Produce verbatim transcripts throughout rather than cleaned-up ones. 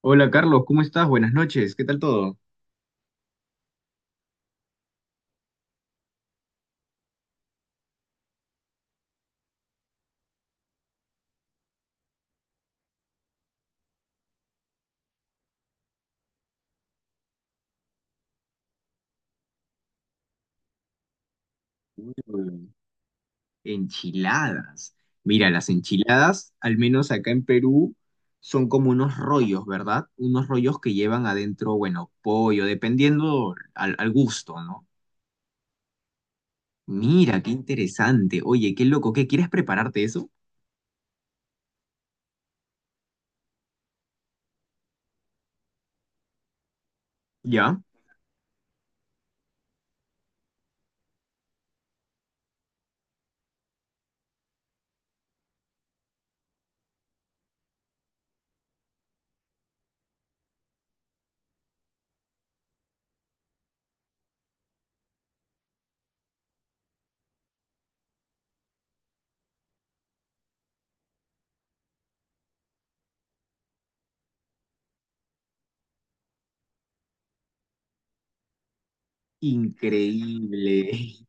Hola Carlos, ¿cómo estás? Buenas noches, ¿qué tal todo? Mm, enchiladas. Mira, las enchiladas, al menos acá en Perú, son como unos rollos, ¿verdad? Unos rollos que llevan adentro, bueno, pollo, dependiendo al, al gusto, ¿no? Mira, qué interesante. Oye, qué loco, ¿qué quieres prepararte eso? ¿Ya? Increíble.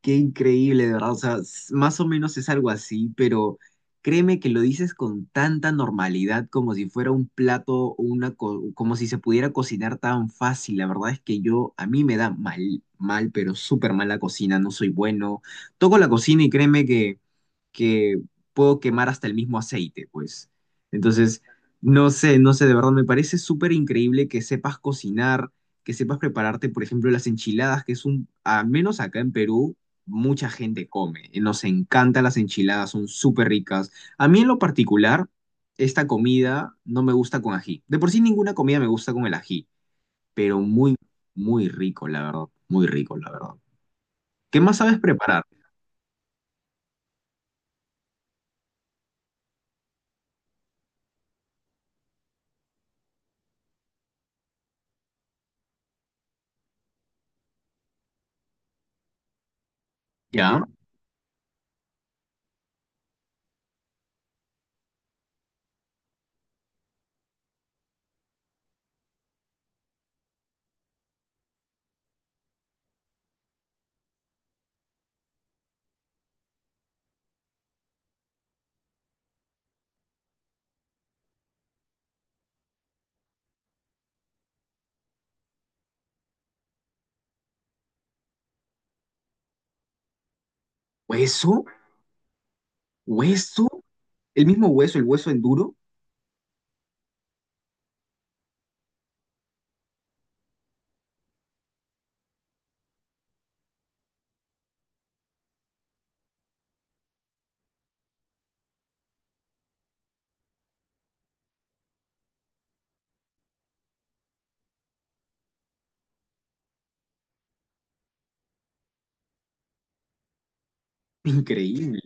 Qué increíble, de verdad. O sea, s- más o menos es algo así, pero créeme que lo dices con tanta normalidad como si fuera un plato, o una co- como si se pudiera cocinar tan fácil. La verdad es que yo, a mí me da mal, mal, pero súper mal la cocina, no soy bueno. Toco la cocina y créeme que que puedo quemar hasta el mismo aceite, pues. Entonces, no sé, no sé, de verdad me parece súper increíble que sepas cocinar, que sepas prepararte, por ejemplo, las enchiladas, que es un, al menos acá en Perú, mucha gente come. Y nos encantan las enchiladas, son súper ricas. A mí en lo particular, esta comida no me gusta con ají. De por sí ninguna comida me gusta con el ají, pero muy, muy rico, la verdad, muy rico, la verdad. ¿Qué más sabes preparar? ¿Ya? ¿Hueso? ¿Hueso? El mismo hueso, el hueso enduro, increíble,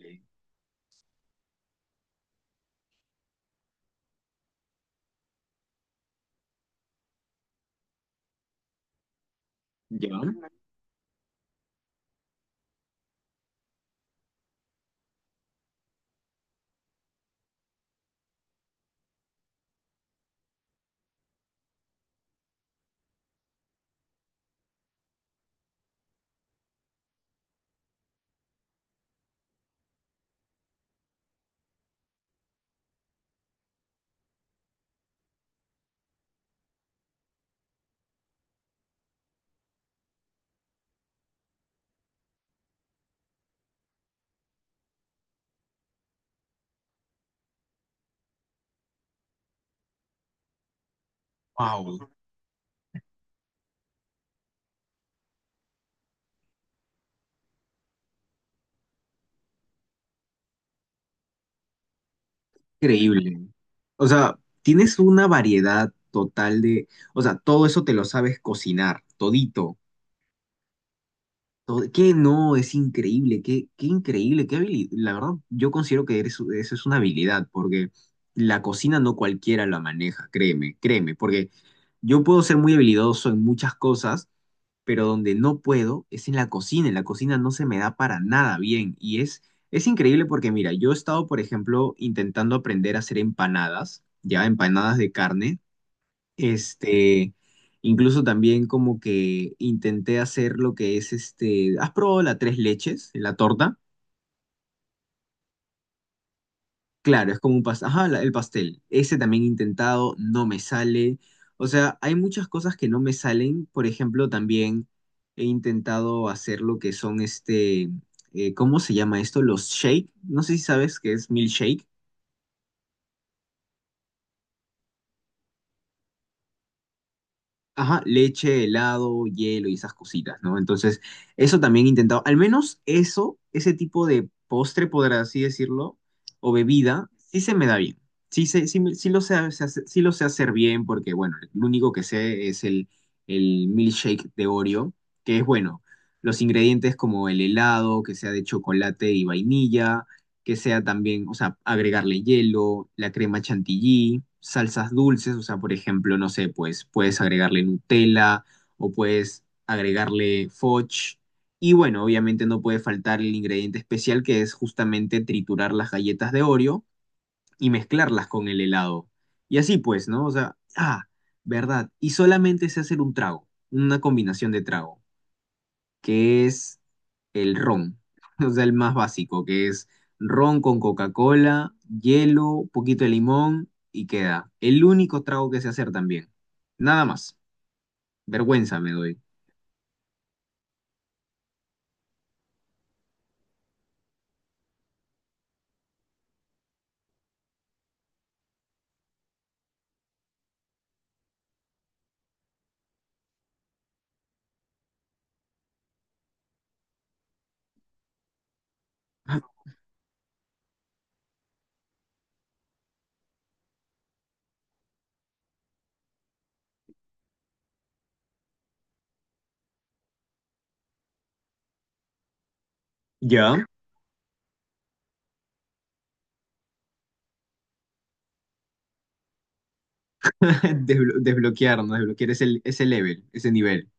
¿ya? Wow, increíble. O sea, tienes una variedad total de, o sea, todo eso te lo sabes cocinar, todito. Todo, que no, es increíble, qué, qué increíble, qué habilidad. La verdad, yo considero que eres- eso es una habilidad, porque la cocina no cualquiera la maneja, créeme, créeme, porque yo puedo ser muy habilidoso en muchas cosas, pero donde no puedo es en la cocina. En la cocina no se me da para nada bien y es, es increíble porque mira, yo he estado, por ejemplo, intentando aprender a hacer empanadas, ya empanadas de carne, este, incluso también como que intenté hacer lo que es este, ¿has probado la tres leches, la torta? Claro, es como un pastel. Ajá, la- el pastel. Ese también he intentado, no me sale. O sea, hay muchas cosas que no me salen. Por ejemplo, también he intentado hacer lo que son este, eh, ¿cómo se llama esto? Los shake. No sé si sabes qué es milkshake. Ajá, leche, helado, hielo y esas cositas, ¿no? Entonces, eso también he intentado, al menos eso, ese tipo de postre, por así decirlo, o bebida, sí se me da bien. Sí, se, sí, me- sí lo sé, hacer- sí lo sé hacer bien porque, bueno, lo único que sé es el, el milkshake de Oreo, que es, bueno, los ingredientes como el helado, que sea de chocolate y vainilla, que sea también, o sea, agregarle hielo, la crema chantilly, salsas dulces, o sea, por ejemplo, no sé, pues puedes agregarle Nutella o puedes agregarle fudge. Y bueno, obviamente no puede faltar el ingrediente especial que es justamente triturar las galletas de Oreo y mezclarlas con el helado. Y así pues, ¿no? O sea, ah, verdad. Y solamente sé hacer un trago, una combinación de trago que es el ron, o sea, el más básico, que es ron con Coca-Cola, hielo, poquito de limón y queda. El único trago que sé hacer también. Nada más. Vergüenza me doy. Ya. Desblo- desbloquear, ¿no? Desbloquear ese, ese level, ese nivel.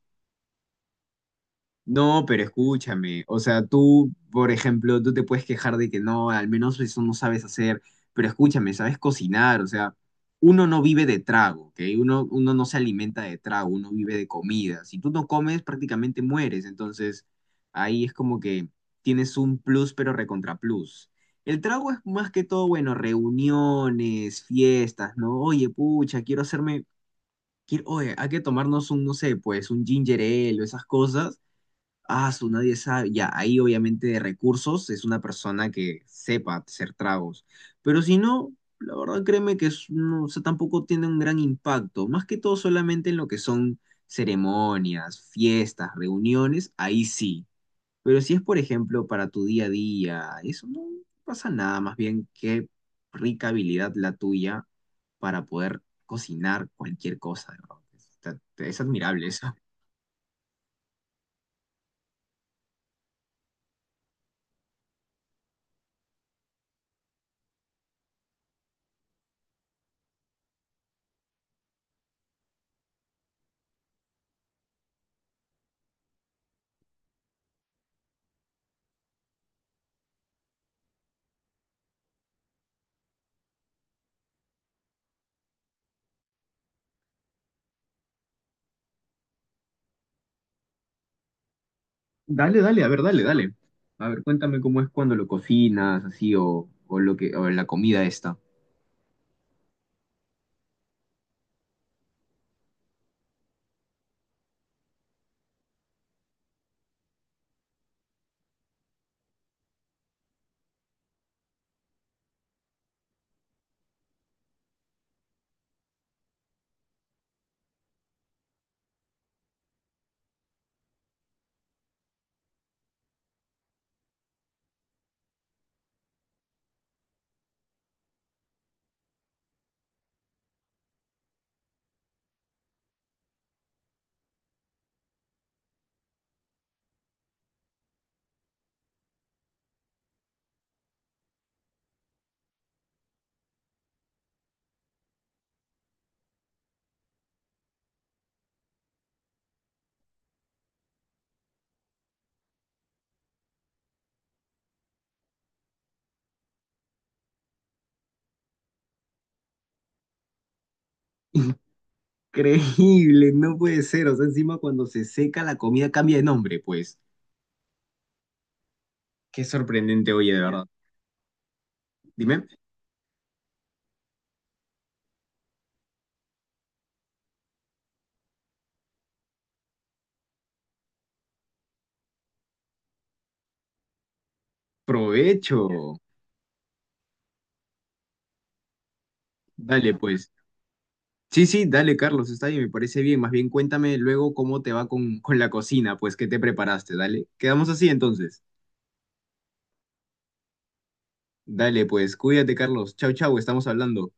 No, pero escúchame, o sea, tú, por ejemplo, tú te puedes quejar de que no, al menos eso no sabes hacer, pero escúchame, sabes cocinar, o sea, uno no vive de trago, ¿ok? Uno, uno no se alimenta de trago, uno vive de comida. Si tú no comes, prácticamente mueres, entonces ahí es como que tienes un plus, pero recontra plus. El trago es más que todo, bueno, reuniones, fiestas, ¿no? Oye, pucha, quiero hacerme, quiero, oye, hay que tomarnos un, no sé, pues, un ginger ale o esas cosas. Ah, su nadie sabe. Ya, ahí obviamente de recursos es una persona que sepa hacer tragos. Pero si no, la verdad créeme que es- no, o sea, tampoco tiene un gran impacto. Más que todo solamente en lo que son ceremonias, fiestas, reuniones, ahí sí. Pero si es, por ejemplo, para tu día a día, eso no pasa nada. Más bien, qué rica habilidad la tuya para poder cocinar cualquier cosa, de verdad. Está- Es admirable. Dale, dale, a ver, dale, dale. A ver, cuéntame cómo es cuando lo cocinas, así, o, o lo que, o la comida esta. Increíble, no puede ser. O sea, encima cuando se seca la comida cambia de nombre, pues. Qué sorprendente, oye, de verdad. Dime, provecho. Dale, pues. Sí, sí, dale, Carlos, está bien, me parece bien. Más bien cuéntame luego cómo te va con, con la cocina, pues, qué te preparaste, dale. Quedamos así entonces. Dale, pues, cuídate, Carlos. Chau, chau, estamos hablando.